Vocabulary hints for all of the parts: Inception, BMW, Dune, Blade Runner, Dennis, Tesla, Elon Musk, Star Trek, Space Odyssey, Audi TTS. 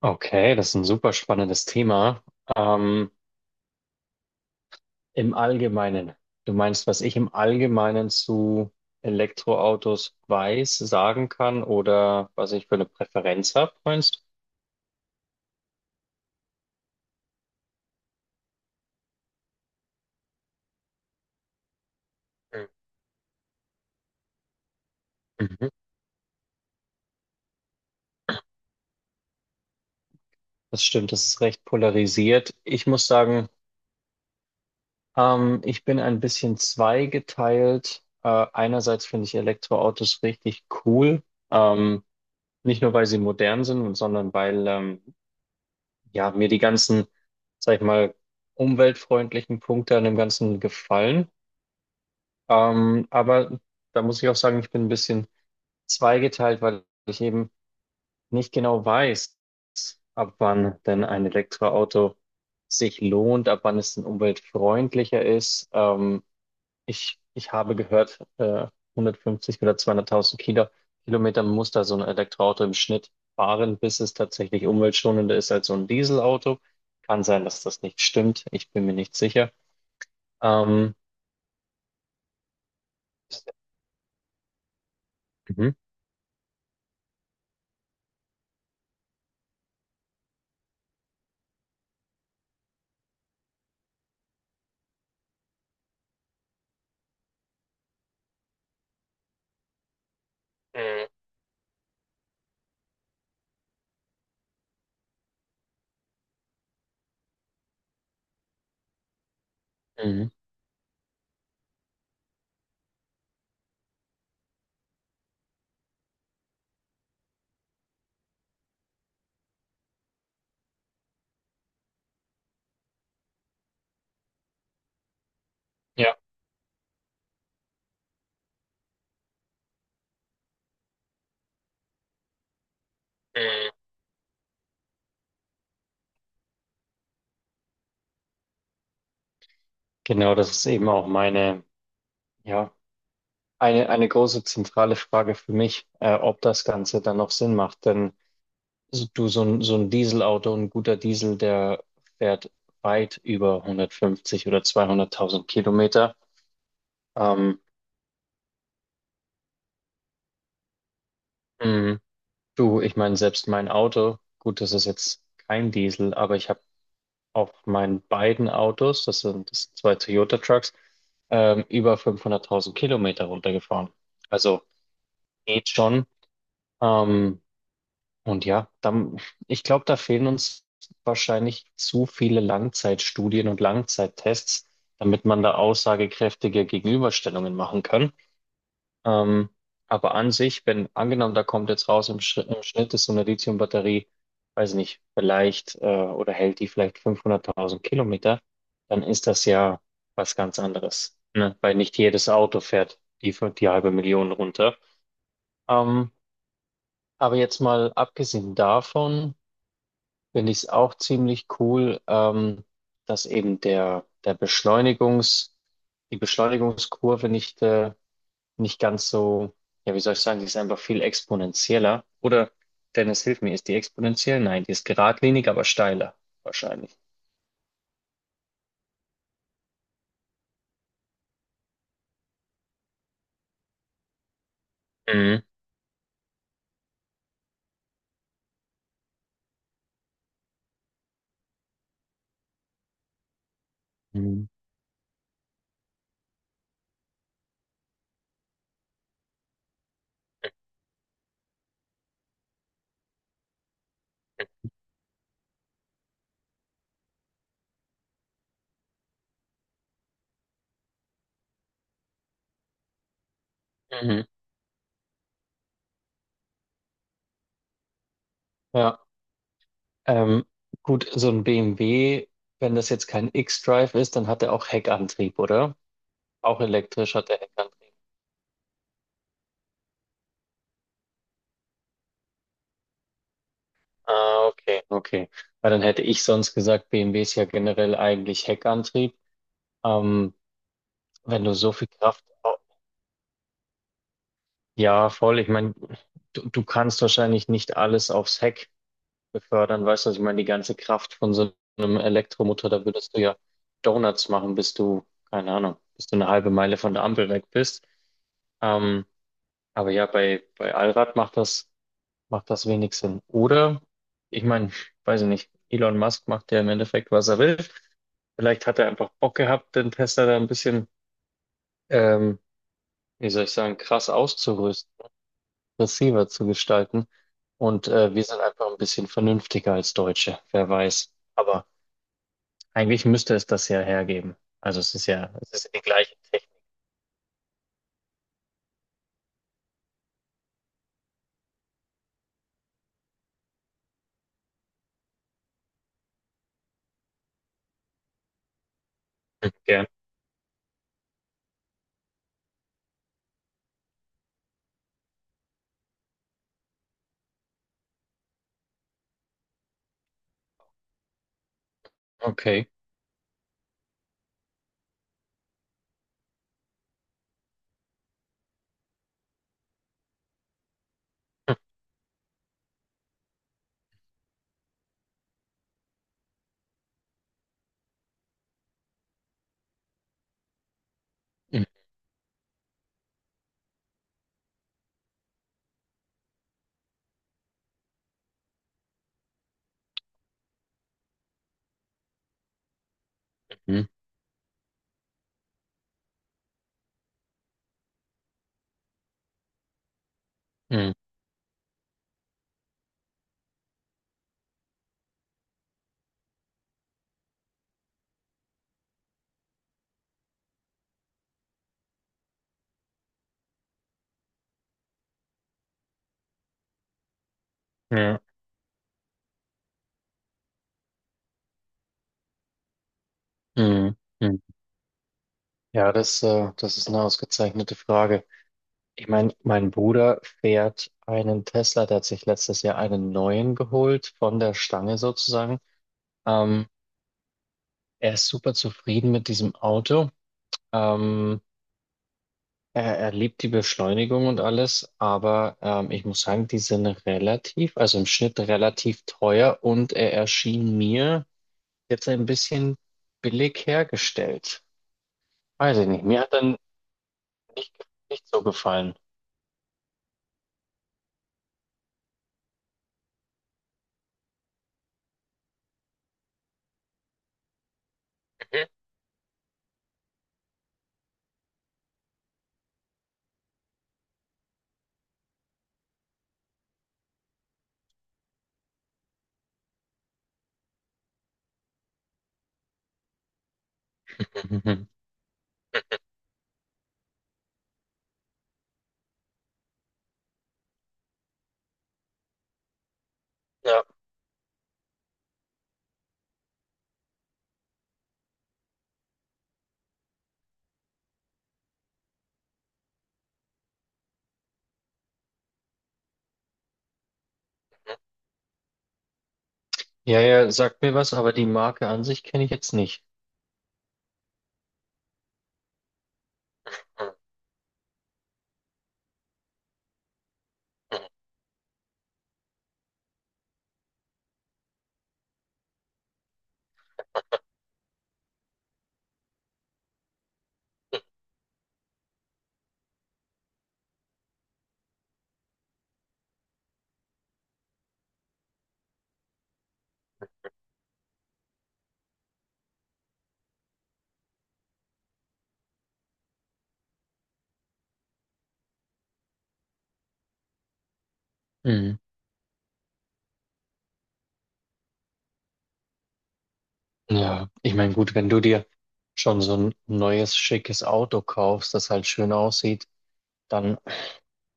Okay, das ist ein super spannendes Thema. Ähm, Im Allgemeinen, du meinst, was ich im Allgemeinen zu Elektroautos weiß, sagen kann oder was ich für eine Präferenz habe, meinst du? Mhm. Das stimmt, das ist recht polarisiert. Ich muss sagen, ich bin ein bisschen zweigeteilt. Einerseits finde ich Elektroautos richtig cool, ähm, nicht nur weil sie modern sind, sondern weil ja, mir die ganzen, sag ich mal, umweltfreundlichen Punkte an dem Ganzen gefallen. Aber da muss ich auch sagen, ich bin ein bisschen zweigeteilt, weil ich eben nicht genau weiß, ab wann denn ein Elektroauto sich lohnt, ab wann es denn umweltfreundlicher ist. Ich habe gehört, 150 oder 200.000 Kilometer muss da so ein Elektroauto im Schnitt fahren, bis es tatsächlich umweltschonender ist als so ein Dieselauto. Kann sein, dass das nicht stimmt. Ich bin mir nicht sicher. Ähm, mhm. Mhm. Mhm. Ja. Mhm. Genau, das ist eben auch meine, ja, eine große zentrale Frage für mich, ob das Ganze dann noch Sinn macht. Denn Du, so ein Dieselauto, ein guter Diesel, der fährt weit über 150 oder 200.000 Kilometer. Ähm, mh, Du, ich meine, selbst mein Auto, gut, das ist jetzt kein Diesel, aber ich habe auf meinen beiden Autos, das sind zwei Toyota Trucks, über 500.000 Kilometer runtergefahren. Also geht schon. Ähm, Und ja, dann, ich glaube, da fehlen uns wahrscheinlich zu viele Langzeitstudien und Langzeittests, damit man da aussagekräftige Gegenüberstellungen machen kann. Ähm, aber an sich, wenn angenommen, da kommt jetzt raus, im Schnitt ist so eine Lithiumbatterie, weiß nicht, vielleicht oder hält die vielleicht 500.000 Kilometer, dann ist das ja was ganz anderes, ne? Weil nicht jedes Auto fährt die halbe Million runter. Ähm, aber jetzt mal abgesehen davon, finde ich es auch ziemlich cool, dass eben die Beschleunigungskurve nicht ganz so, ja, wie soll ich sagen, die ist einfach viel exponentieller. Oder, Dennis, hilf mir, ist die exponentiell? Nein, die ist geradlinig, aber steiler, wahrscheinlich. Mhm. Mhm. Mhm. Ja, ähm, gut, so ein BMW, wenn das jetzt kein X-Drive ist, dann hat er auch Heckantrieb, oder? Auch elektrisch hat er Heckantrieb. Ah, okay, okay. Weil dann hätte ich sonst gesagt, BMW ist ja generell eigentlich Heckantrieb. Ähm, Wenn du so viel Kraft, ja, voll. Ich meine, du kannst wahrscheinlich nicht alles aufs Heck befördern, weißt du? Was ich meine, die ganze Kraft von so einem Elektromotor, da würdest du ja Donuts machen, keine Ahnung, bis du eine halbe Meile von der Ampel weg bist. Ähm, aber ja, bei Allrad macht das wenig Sinn. Oder, ich meine, weiß ich nicht, Elon Musk macht ja im Endeffekt, was er will. Vielleicht hat er einfach Bock gehabt, den Tesla da ein bisschen, ähm, wie soll ich sagen, krass auszurüsten, aggressiver zu gestalten. Und wir sind einfach ein bisschen vernünftiger als Deutsche, wer weiß. Aber eigentlich müsste es das ja hergeben. Also es ist ja, die gleiche Technik, ja. Okay. Mhm. Mhm. Ja. Mhm. Mhm. Ja, das ist eine ausgezeichnete Frage. Ich meine, mein Bruder fährt einen Tesla, der hat sich letztes Jahr einen neuen geholt, von der Stange sozusagen. Ähm, Er ist super zufrieden mit diesem Auto. Ähm, er liebt die Beschleunigung und alles, aber ich muss sagen, die sind relativ, also im Schnitt relativ teuer und er erschien mir jetzt ein bisschen billig hergestellt. Weiß ich nicht, mir hat er nicht so gefallen. Mhm. Ja. Ja, ja, sagt mir was, aber die Marke an sich kenne ich jetzt nicht. Mhm. Ja, ich meine, gut, wenn du dir schon so ein neues, schickes Auto kaufst, das halt schön aussieht, dann,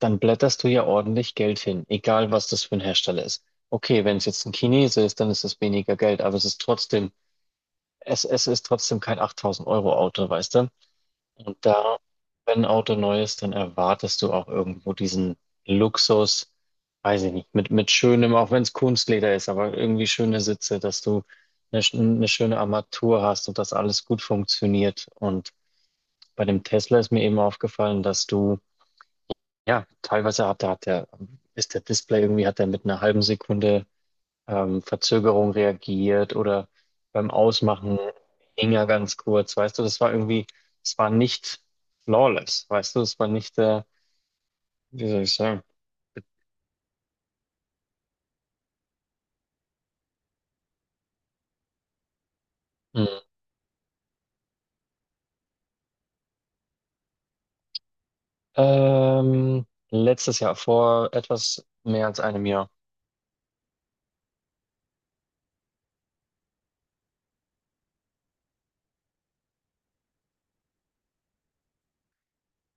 dann blätterst du ja ordentlich Geld hin, egal was das für ein Hersteller ist. Okay, wenn es jetzt ein Chinese ist, dann ist es weniger Geld, aber es ist trotzdem, es ist trotzdem kein 8.000 € Auto, weißt du? Und da, wenn ein Auto neu ist, dann erwartest du auch irgendwo diesen Luxus, weiß ich nicht, mit schönem, auch wenn es Kunstleder ist, aber irgendwie schöne Sitze, dass du eine schöne Armatur hast und dass alles gut funktioniert. Und bei dem Tesla ist mir eben aufgefallen, dass du, ja, teilweise hat, da hat der, ist der Display irgendwie, hat er mit einer halben Sekunde Verzögerung reagiert oder beim Ausmachen hing er ganz kurz, weißt du, das war irgendwie, es war nicht flawless, weißt du, es war nicht, wie soll ich sagen, hm. Letztes Jahr, vor etwas mehr als einem Jahr,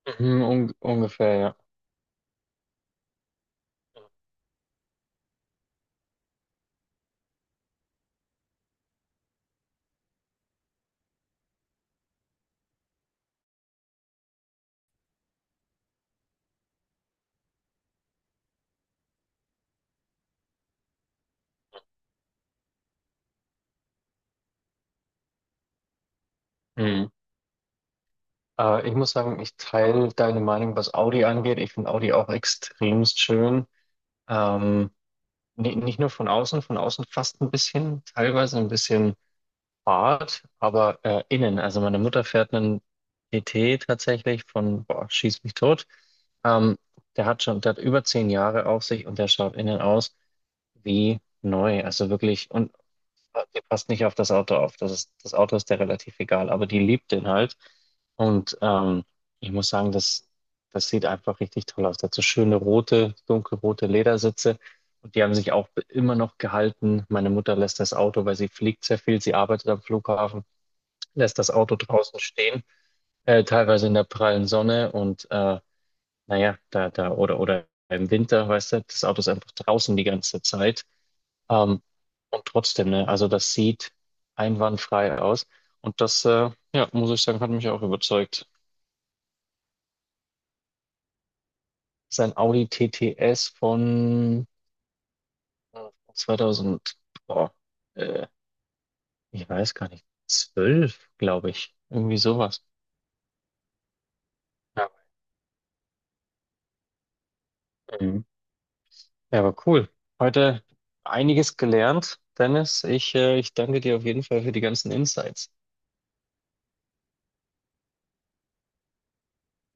mhm, un ungefähr, ja. Mhm. Ich muss sagen, ich teile deine Meinung, was Audi angeht. Ich finde Audi auch extremst schön. Ähm, Nicht nur von außen fast ein bisschen, teilweise ein bisschen Fahrt, aber innen. Also meine Mutter fährt einen PT tatsächlich von, boah, schieß mich tot. Ähm, der hat über 10 Jahre auf sich und der schaut innen aus wie neu. Also wirklich, und die passt nicht auf das Auto auf. Das Auto ist der relativ egal, aber die liebt den halt. Und ich muss sagen, das sieht einfach richtig toll aus. Dazu schöne rote, dunkelrote Ledersitze. Und die haben sich auch immer noch gehalten. Meine Mutter lässt das Auto, weil sie fliegt sehr viel, sie arbeitet am Flughafen, lässt das Auto draußen stehen, teilweise in der prallen Sonne und naja, da, oder im Winter, weißt du, das Auto ist einfach draußen die ganze Zeit. Ähm, und trotzdem, ne, also das sieht einwandfrei aus. Und das, ja, muss ich sagen, hat mich auch überzeugt. Sein Audi TTS von äh, 2000, boah, äh, ich weiß gar nicht, 12, glaube ich. Irgendwie sowas. Ja, ähm, ja, aber cool. Heute einiges gelernt, Dennis. Ich danke dir auf jeden Fall für die ganzen Insights.